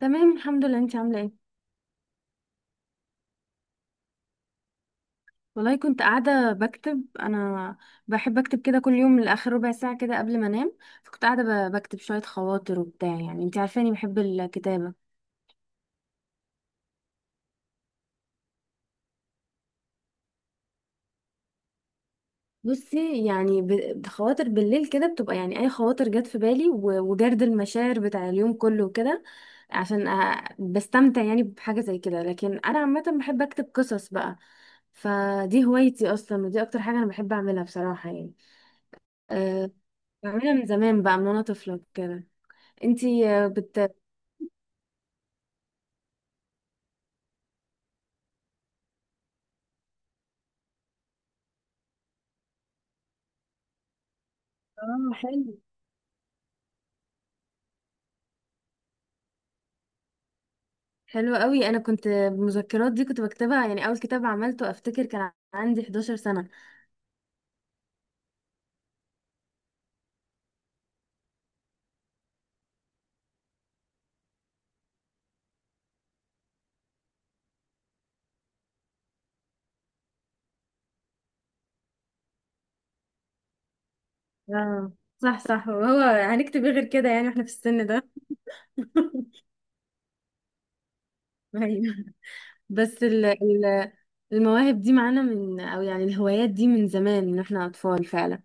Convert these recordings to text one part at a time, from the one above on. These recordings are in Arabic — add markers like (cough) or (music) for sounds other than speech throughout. تمام الحمد لله انت عامله ايه. والله كنت قاعده بكتب انا. بحب اكتب كده كل يوم لاخر ربع ساعه كده قبل ما انام. فكنت قاعده بكتب شويه خواطر وبتاع، يعني انت عارفاني بحب الكتابه. بصي، يعني خواطر بالليل كده بتبقى، يعني اي خواطر جت في بالي وجرد المشاعر بتاع اليوم كله وكده. عشان بستمتع يعني بحاجه زي كده. لكن انا عامه بحب اكتب قصص بقى. فدي هوايتي اصلا، ودي اكتر حاجه انا بحب اعملها بصراحه يعني. أه، بعملها من زمان بقى، من وانا طفله كده. انتي آه، بت اه، حلو. حلوة قوي، انا كنت المذكرات دي كنت بكتبها يعني. اول كتاب عملته افتكر كان عندي 11 سنة. اه، صح صح. وهو هنكتب ايه غير كده يعني واحنا في السن ده؟ (laughs) ايوه. بس ال ال المواهب دي معانا، من او يعني الهوايات دي من زمان، من احنا اطفال فعلا.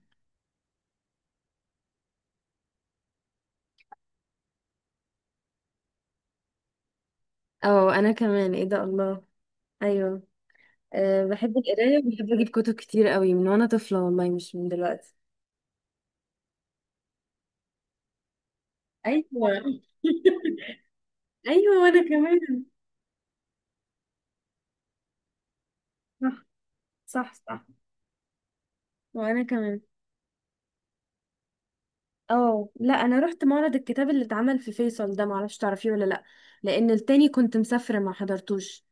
او انا كمان، ايه ده، الله. ايوه. أه، بحب القراية وبحب اجيب كتب كتير قوي من وانا طفلة، والله مش من دلوقتي. ايوه (laughs) ايوه وانا كمان. صح صح صح. وانا كمان. اه لا، انا رحت معرض الكتاب اللي اتعمل في فيصل ده، معرفش تعرفيه ولا لا. لان التاني كنت مسافره ما حضرتوش.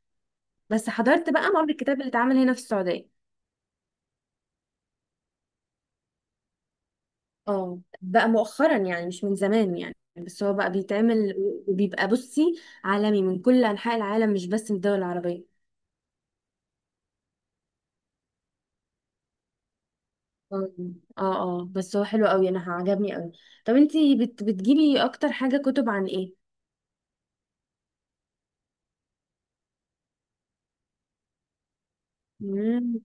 بس حضرت بقى معرض الكتاب اللي اتعمل هنا في السعوديه. اه، بقى مؤخرا، يعني مش من زمان، يعني بس هو بقى بيتعمل. وبيبقى بصي، عالمي من كل انحاء العالم، مش بس من الدول العربيه. اه اه. بس هو حلو قوي، انا عجبني قوي. طب انتي بتجيبي اكتر حاجه كتب عن ايه؟ مم.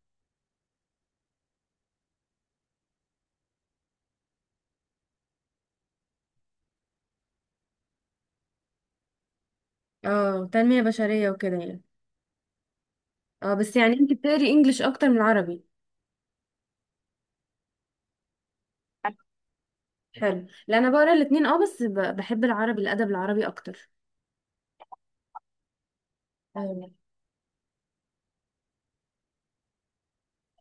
اه، تنميه بشريه وكده يعني. اه بس يعني انت بتقري انجليش اكتر من عربي؟ حلو. لا، انا بقرا الاتنين، اه بس بحب العربي، الادب العربي اكتر. أيوة.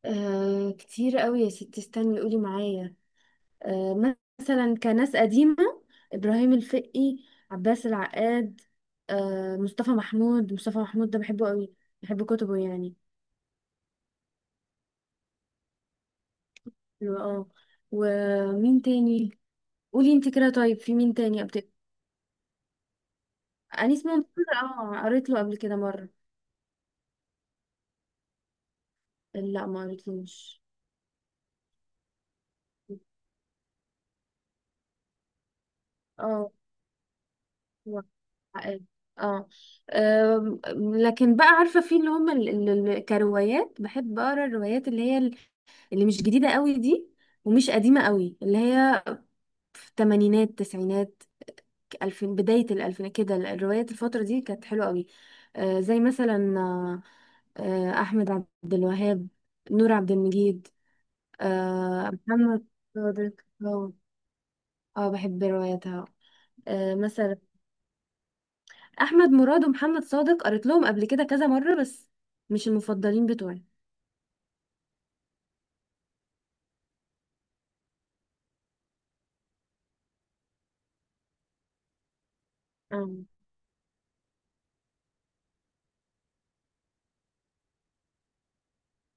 كتير قوي يا ستي، استني قولي معايا. مثلا، كناس قديمة، إبراهيم الفقي، عباس العقاد، مصطفى محمود. مصطفى محمود ده بحبه قوي، بحب كتبه يعني. حلو اه. ومين تاني؟ قولي انت كده. طيب في مين تاني أنيس ممدوح، اه قريت له قبل كده مرة. لا ما قريتلوش. اه. هو حقيقي. اه. لكن بقى عارفه، في اللي هم كروايات، بحب اقرا الروايات اللي هي اللي مش جديده قوي دي، ومش قديمه قوي، اللي هي في الثمانينات التسعينات، الفين، بدايه الالفينات كده. الروايات الفتره دي كانت حلوه قوي. زي مثلا احمد عبد الوهاب، نور عبد المجيد، محمد صادق. اه. بحب رواياتها. مثلا احمد مراد ومحمد صادق قريت لهم قبل كده كذا مره، بس مش المفضلين بتوعي. اه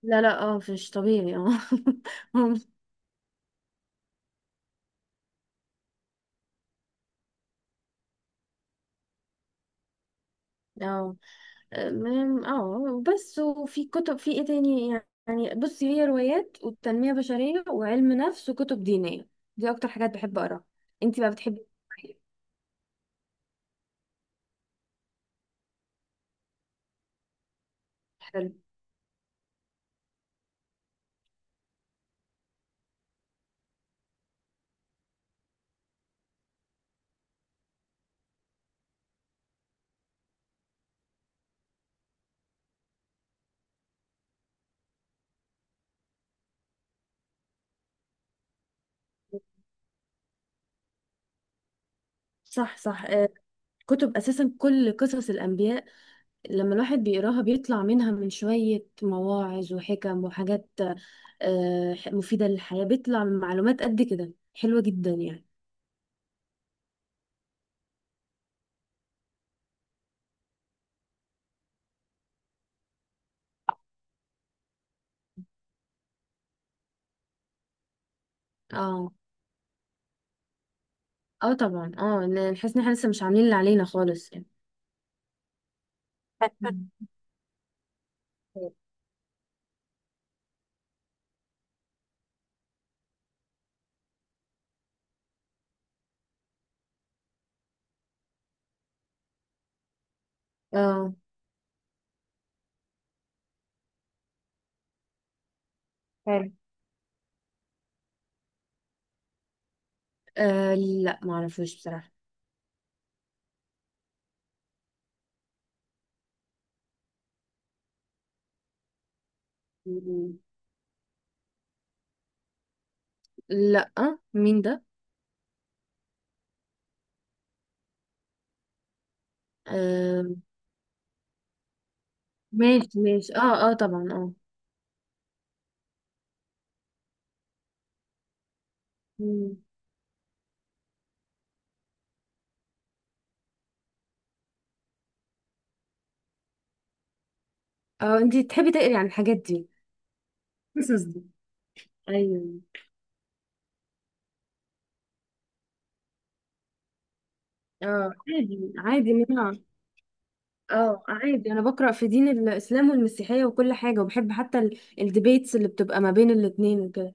لا لا، اه مش طبيعي اه (laughs) هم- اه. اه بس وفي كتب، في ايه تاني؟ يعني بصي، هي روايات والتنمية بشرية وعلم نفس وكتب دينية. دي اكتر حاجات بحب اقراها. انتي بقى بتحبي إيه؟ حلو. صح صح. كتب اساسا، كل قصص الانبياء لما الواحد بيقراها بيطلع منها من شويه مواعظ وحكم وحاجات مفيدة للحياة. بيطلع من معلومات قد كده حلوة جدا يعني. اه اه طبعا اه، نحس ان احنا لسه مش عاملين اللي علينا خالص يعني. (laughs) مم. اه حلو. لا معرفوش بصراحة. مم. لا، مين ده؟ آه، ماشي ماشي، اه اه طبعا اه. مم. اه انتي تحبي تقري عن الحاجات دي، القصص دي؟ ايوه. اه عادي عادي، ان انا، اه عادي انا بقرا في دين الاسلام والمسيحيه وكل حاجه، وبحب حتى الديبيتس اللي بتبقى ما بين الاتنين وكده.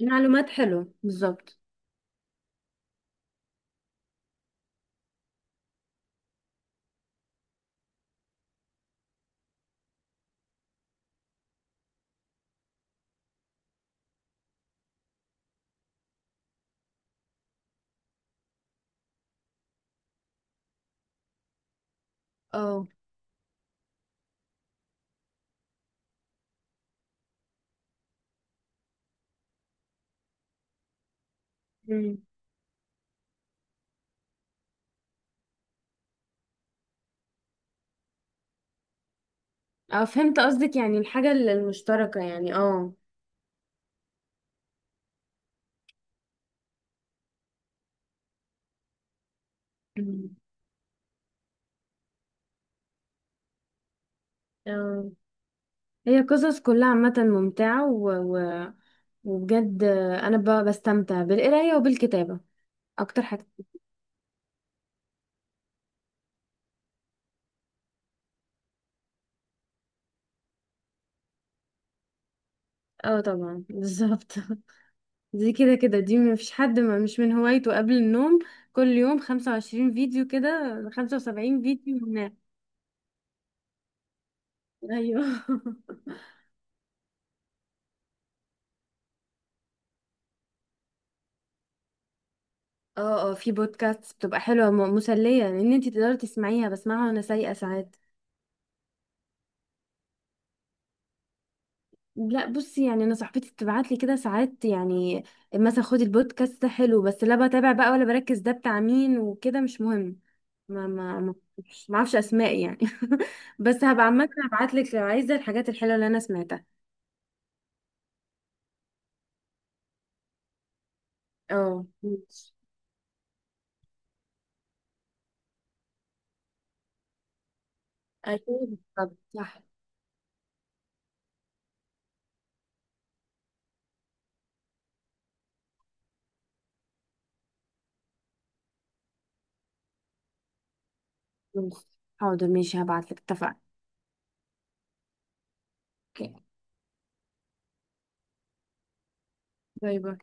معلومات حلوه بالظبط. اه امم اه، فهمت قصدك، يعني الحاجه المشتركه، يعني اه. أمم. اه هي قصص كلها عامه ممتعه، وبجد انا بستمتع بالقرايه وبالكتابه اكتر حاجه. اه طبعا بالظبط (laughs) دي كده كده، دي مفيش حد ما مش من هوايته قبل النوم. كل يوم 25 فيديو كده، 75 فيديو هناك. ايوه (laughs) اه اه، في بودكاست بتبقى حلوة مسلية، ان انتي تقدري تسمعيها. بسمعها وانا سايقة ساعات. لا بصي، يعني انا صاحبتي بتبعت لي كده ساعات يعني، مثلا خدي البودكاست ده حلو. بس لا بتابع بقى، ولا بركز ده بتاع مين وكده، مش مهم. ما اعرفش اسماء يعني (laughs) بس هبقى عامة هبعت لك لو عايزة الحاجات الحلوة اللي انا سمعتها. اه ايوه، بالظبط، صح. حاضر ماشي هبعتلك، اتفقنا. اوكي. باي باي.